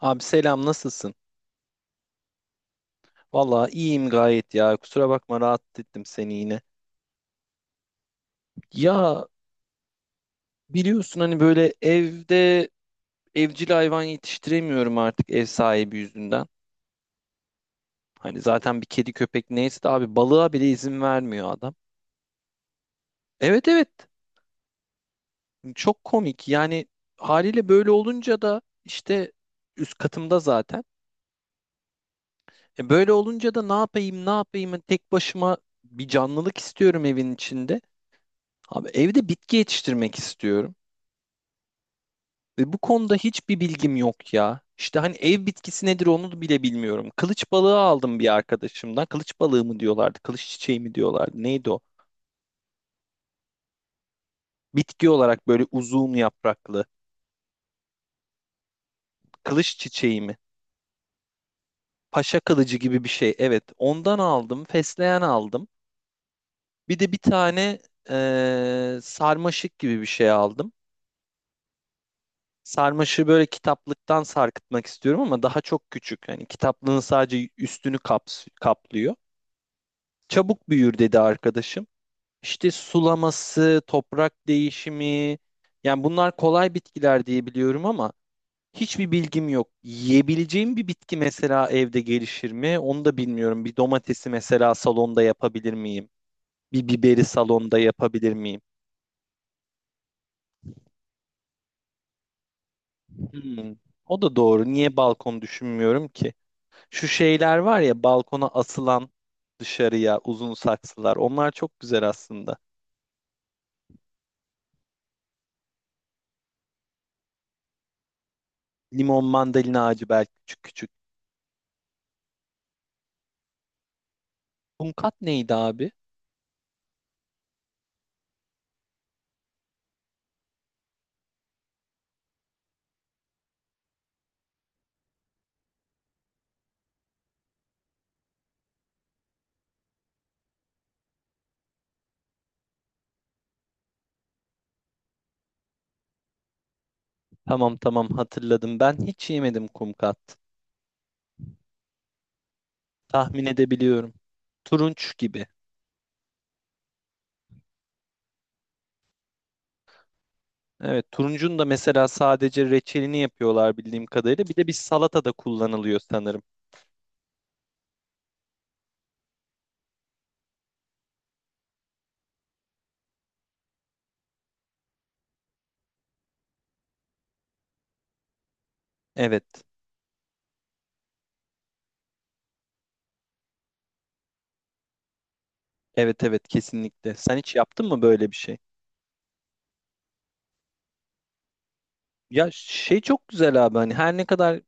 Abi selam, nasılsın? Vallahi iyiyim gayet ya. Kusura bakma, rahatsız ettim seni yine. Ya, biliyorsun hani böyle evde evcil hayvan yetiştiremiyorum artık ev sahibi yüzünden. Hani zaten bir kedi köpek neyse de abi balığa bile izin vermiyor adam. Evet, evet, çok komik yani. Haliyle böyle olunca da işte üst katımda zaten. E, böyle olunca da ne yapayım ne yapayım, hani tek başıma bir canlılık istiyorum evin içinde. Abi, evde bitki yetiştirmek istiyorum. Ve bu konuda hiçbir bilgim yok ya. İşte hani ev bitkisi nedir onu bile bilmiyorum. Kılıç balığı aldım bir arkadaşımdan. Kılıç balığı mı diyorlardı, kılıç çiçeği mi diyorlardı, neydi o? Bitki olarak böyle uzun yapraklı. Kılıç çiçeği mi? Paşa kılıcı gibi bir şey. Evet, ondan aldım. Fesleğen aldım. Bir de bir tane sarmaşık gibi bir şey aldım. Sarmaşığı böyle kitaplıktan sarkıtmak istiyorum ama daha çok küçük. Yani kitaplığın sadece üstünü kaplıyor. Çabuk büyür dedi arkadaşım. İşte sulaması, toprak değişimi, yani bunlar kolay bitkiler diye biliyorum ama hiçbir bilgim yok. Yiyebileceğim bir bitki mesela evde gelişir mi? Onu da bilmiyorum. Bir domatesi mesela salonda yapabilir miyim? Bir biberi salonda yapabilir miyim? Hmm. O da doğru. Niye balkon düşünmüyorum ki? Şu şeyler var ya, balkona asılan dışarıya uzun saksılar. Onlar çok güzel aslında. Limon, mandalina ağacı belki, küçük küçük. Hunkat neydi abi? Tamam, tamam, hatırladım. Ben hiç yemedim kumkat. Tahmin edebiliyorum. Turunç gibi. Evet, turuncun da mesela sadece reçelini yapıyorlar bildiğim kadarıyla. Bir de bir salata da kullanılıyor sanırım. Evet. Evet, evet, kesinlikle. Sen hiç yaptın mı böyle bir şey? Ya şey, çok güzel abi, hani her ne kadar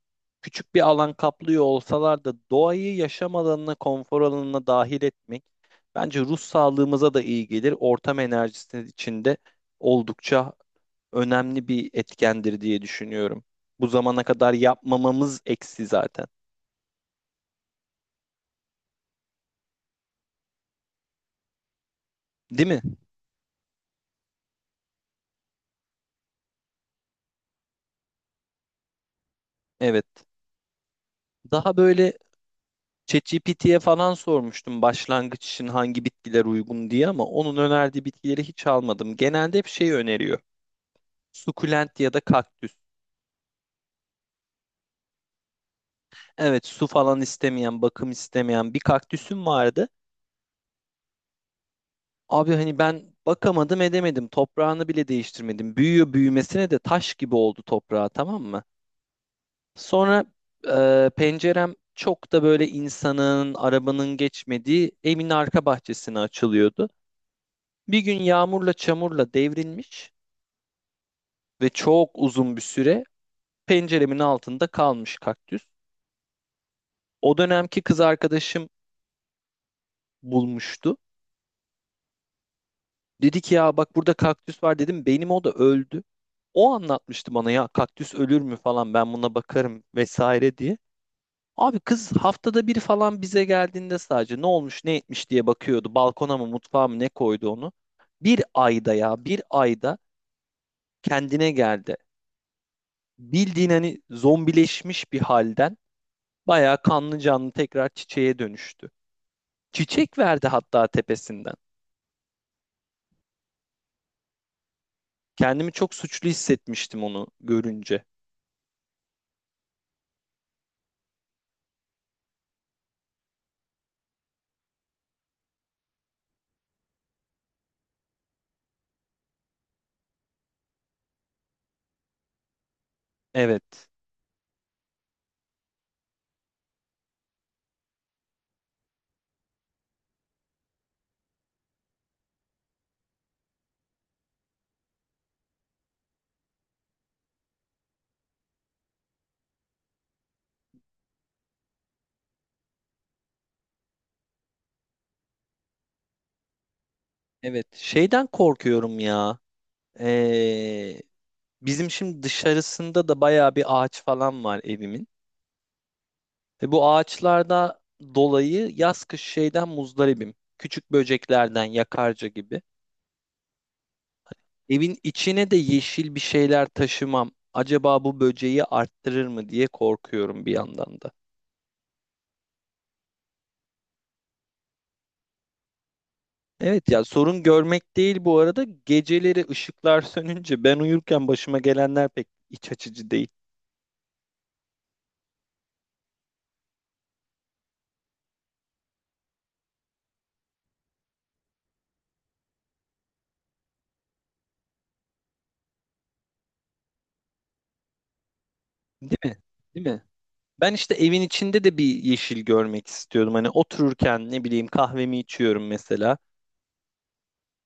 küçük bir alan kaplıyor olsalar da doğayı yaşam alanına, konfor alanına dahil etmek bence ruh sağlığımıza da iyi gelir. Ortam enerjisi içinde oldukça önemli bir etkendir diye düşünüyorum. Bu zamana kadar yapmamamız eksi zaten. Değil mi? Evet. Daha böyle ChatGPT'ye falan sormuştum başlangıç için hangi bitkiler uygun diye, ama onun önerdiği bitkileri hiç almadım. Genelde hep şey öneriyor: sukulent ya da kaktüs. Evet, su falan istemeyen, bakım istemeyen bir kaktüsüm vardı. Abi, hani ben bakamadım edemedim. Toprağını bile değiştirmedim. Büyüyor büyümesine de taş gibi oldu toprağı, tamam mı? Sonra pencerem çok da böyle insanın, arabanın geçmediği evin arka bahçesine açılıyordu. Bir gün yağmurla çamurla devrilmiş ve çok uzun bir süre penceremin altında kalmış kaktüs. O dönemki kız arkadaşım bulmuştu. Dedi ki ya bak burada kaktüs var, dedim benim o da öldü. O anlatmıştı bana ya kaktüs ölür mü falan, ben buna bakarım vesaire diye. Abi kız haftada bir falan bize geldiğinde sadece ne olmuş ne etmiş diye bakıyordu. Balkona mı, mutfağa mı, ne koydu onu. Bir ayda, ya bir ayda kendine geldi. Bildiğin hani zombileşmiş bir halden bayağı kanlı canlı tekrar çiçeğe dönüştü. Çiçek verdi hatta tepesinden. Kendimi çok suçlu hissetmiştim onu görünce. Evet. Evet. Şeyden korkuyorum ya. Ee, bizim şimdi dışarısında da bayağı bir ağaç falan var evimin. Ve bu ağaçlarda dolayı yaz kış şeyden muzdaribim. Küçük böceklerden, yakarca gibi. Evin içine de yeşil bir şeyler taşımam. Acaba bu böceği arttırır mı diye korkuyorum bir yandan da. Evet ya, sorun görmek değil bu arada. Geceleri ışıklar sönünce ben uyurken başıma gelenler pek iç açıcı değil. Değil mi? Değil mi? Ben işte evin içinde de bir yeşil görmek istiyordum. Hani otururken, ne bileyim, kahvemi içiyorum mesela.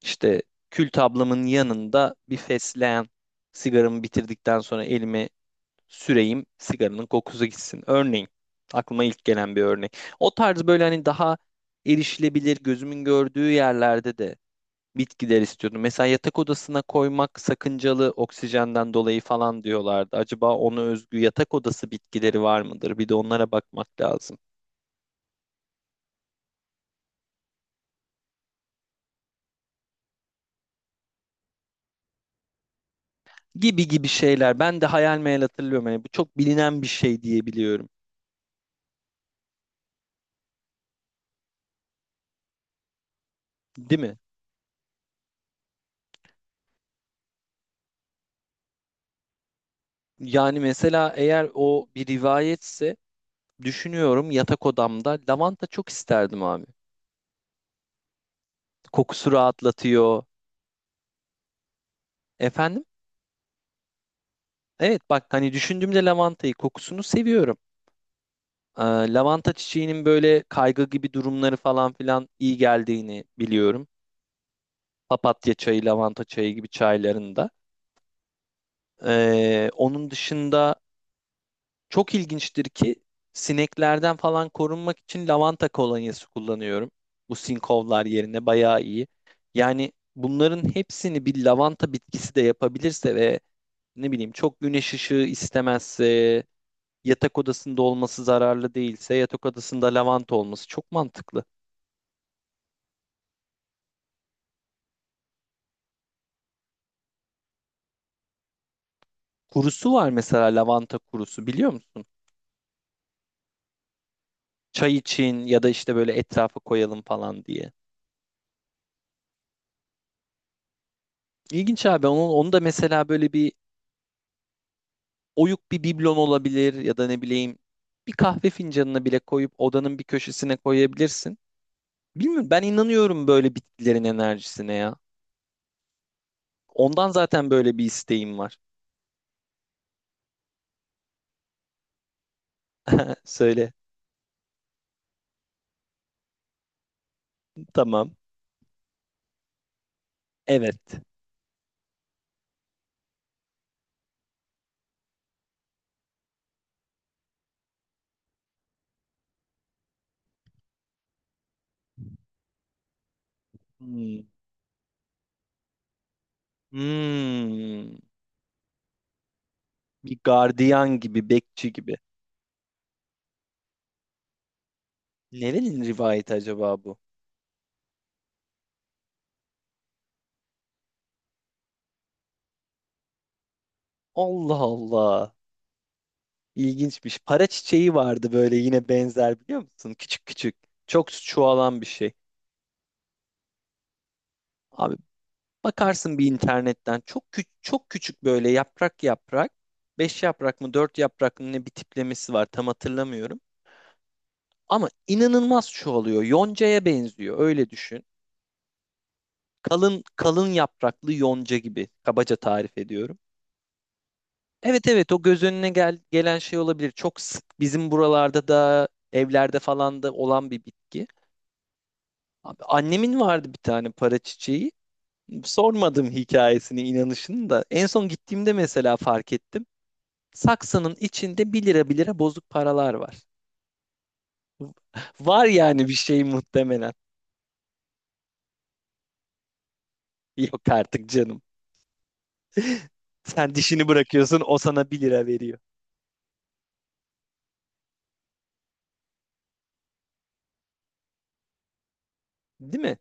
İşte kül tablamın yanında bir fesleğen, sigaramı bitirdikten sonra elime süreyim, sigaranın kokusu gitsin. Örneğin, aklıma ilk gelen bir örnek. O tarz böyle, hani daha erişilebilir, gözümün gördüğü yerlerde de bitkiler istiyordum. Mesela yatak odasına koymak sakıncalı, oksijenden dolayı falan diyorlardı. Acaba ona özgü yatak odası bitkileri var mıdır? Bir de onlara bakmak lazım. Gibi gibi şeyler. Ben de hayal meyal hatırlıyorum. Yani bu çok bilinen bir şey diyebiliyorum. Değil mi? Yani mesela eğer o bir rivayetse, düşünüyorum, yatak odamda lavanta çok isterdim abi. Kokusu rahatlatıyor. Efendim? Evet, bak, hani düşündüğümde lavantayı, kokusunu seviyorum. Ee, lavanta çiçeğinin böyle kaygı gibi durumları falan filan iyi geldiğini biliyorum. Papatya çayı, lavanta çayı gibi çaylarında. Onun dışında, çok ilginçtir ki, sineklerden falan korunmak için lavanta kolonyası kullanıyorum. Bu sinkovlar yerine bayağı iyi. Yani bunların hepsini bir lavanta bitkisi de yapabilirse ve ne bileyim çok güneş ışığı istemezse, yatak odasında olması zararlı değilse, yatak odasında lavanta olması çok mantıklı. Kurusu var mesela, lavanta kurusu, biliyor musun? Çay için, ya da işte böyle etrafa koyalım falan diye. İlginç abi, onu, onu da mesela böyle bir oyuk bir biblon olabilir, ya da ne bileyim bir kahve fincanına bile koyup odanın bir köşesine koyabilirsin. Bilmiyorum, ben inanıyorum böyle bitkilerin enerjisine ya. Ondan zaten böyle bir isteğim var. Söyle. Tamam. Evet. Hmm. Hmm. Bir gardiyan gibi, bekçi gibi. Nerenin rivayeti acaba bu? Allah Allah. İlginçmiş. Para çiçeği vardı böyle, yine benzer, biliyor musun? Küçük küçük. Çok çoğalan bir şey. Abi, bakarsın bir internetten, çok küçük çok küçük, böyle yaprak yaprak, beş yaprak mı, dört yaprak mı ne, bir tiplemesi var, tam hatırlamıyorum. Ama inanılmaz çoğalıyor. Yonca'ya benziyor, öyle düşün. Kalın kalın yapraklı yonca gibi, kabaca tarif ediyorum. Evet, evet, o göz önüne gelen şey olabilir. Çok sık bizim buralarda da, evlerde falan da olan bir bitki. Abi, annemin vardı bir tane para çiçeği. Sormadım hikayesini, inanışını da. En son gittiğimde mesela fark ettim. Saksının içinde bir lira bir lira bozuk paralar var. Var yani bir şey muhtemelen. Yok artık canım. Sen dişini bırakıyorsun, o sana bir lira veriyor. Değil mi?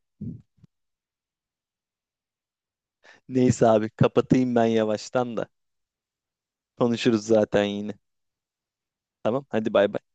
Neyse abi, kapatayım ben yavaştan da. Konuşuruz zaten yine. Tamam, hadi bay bay.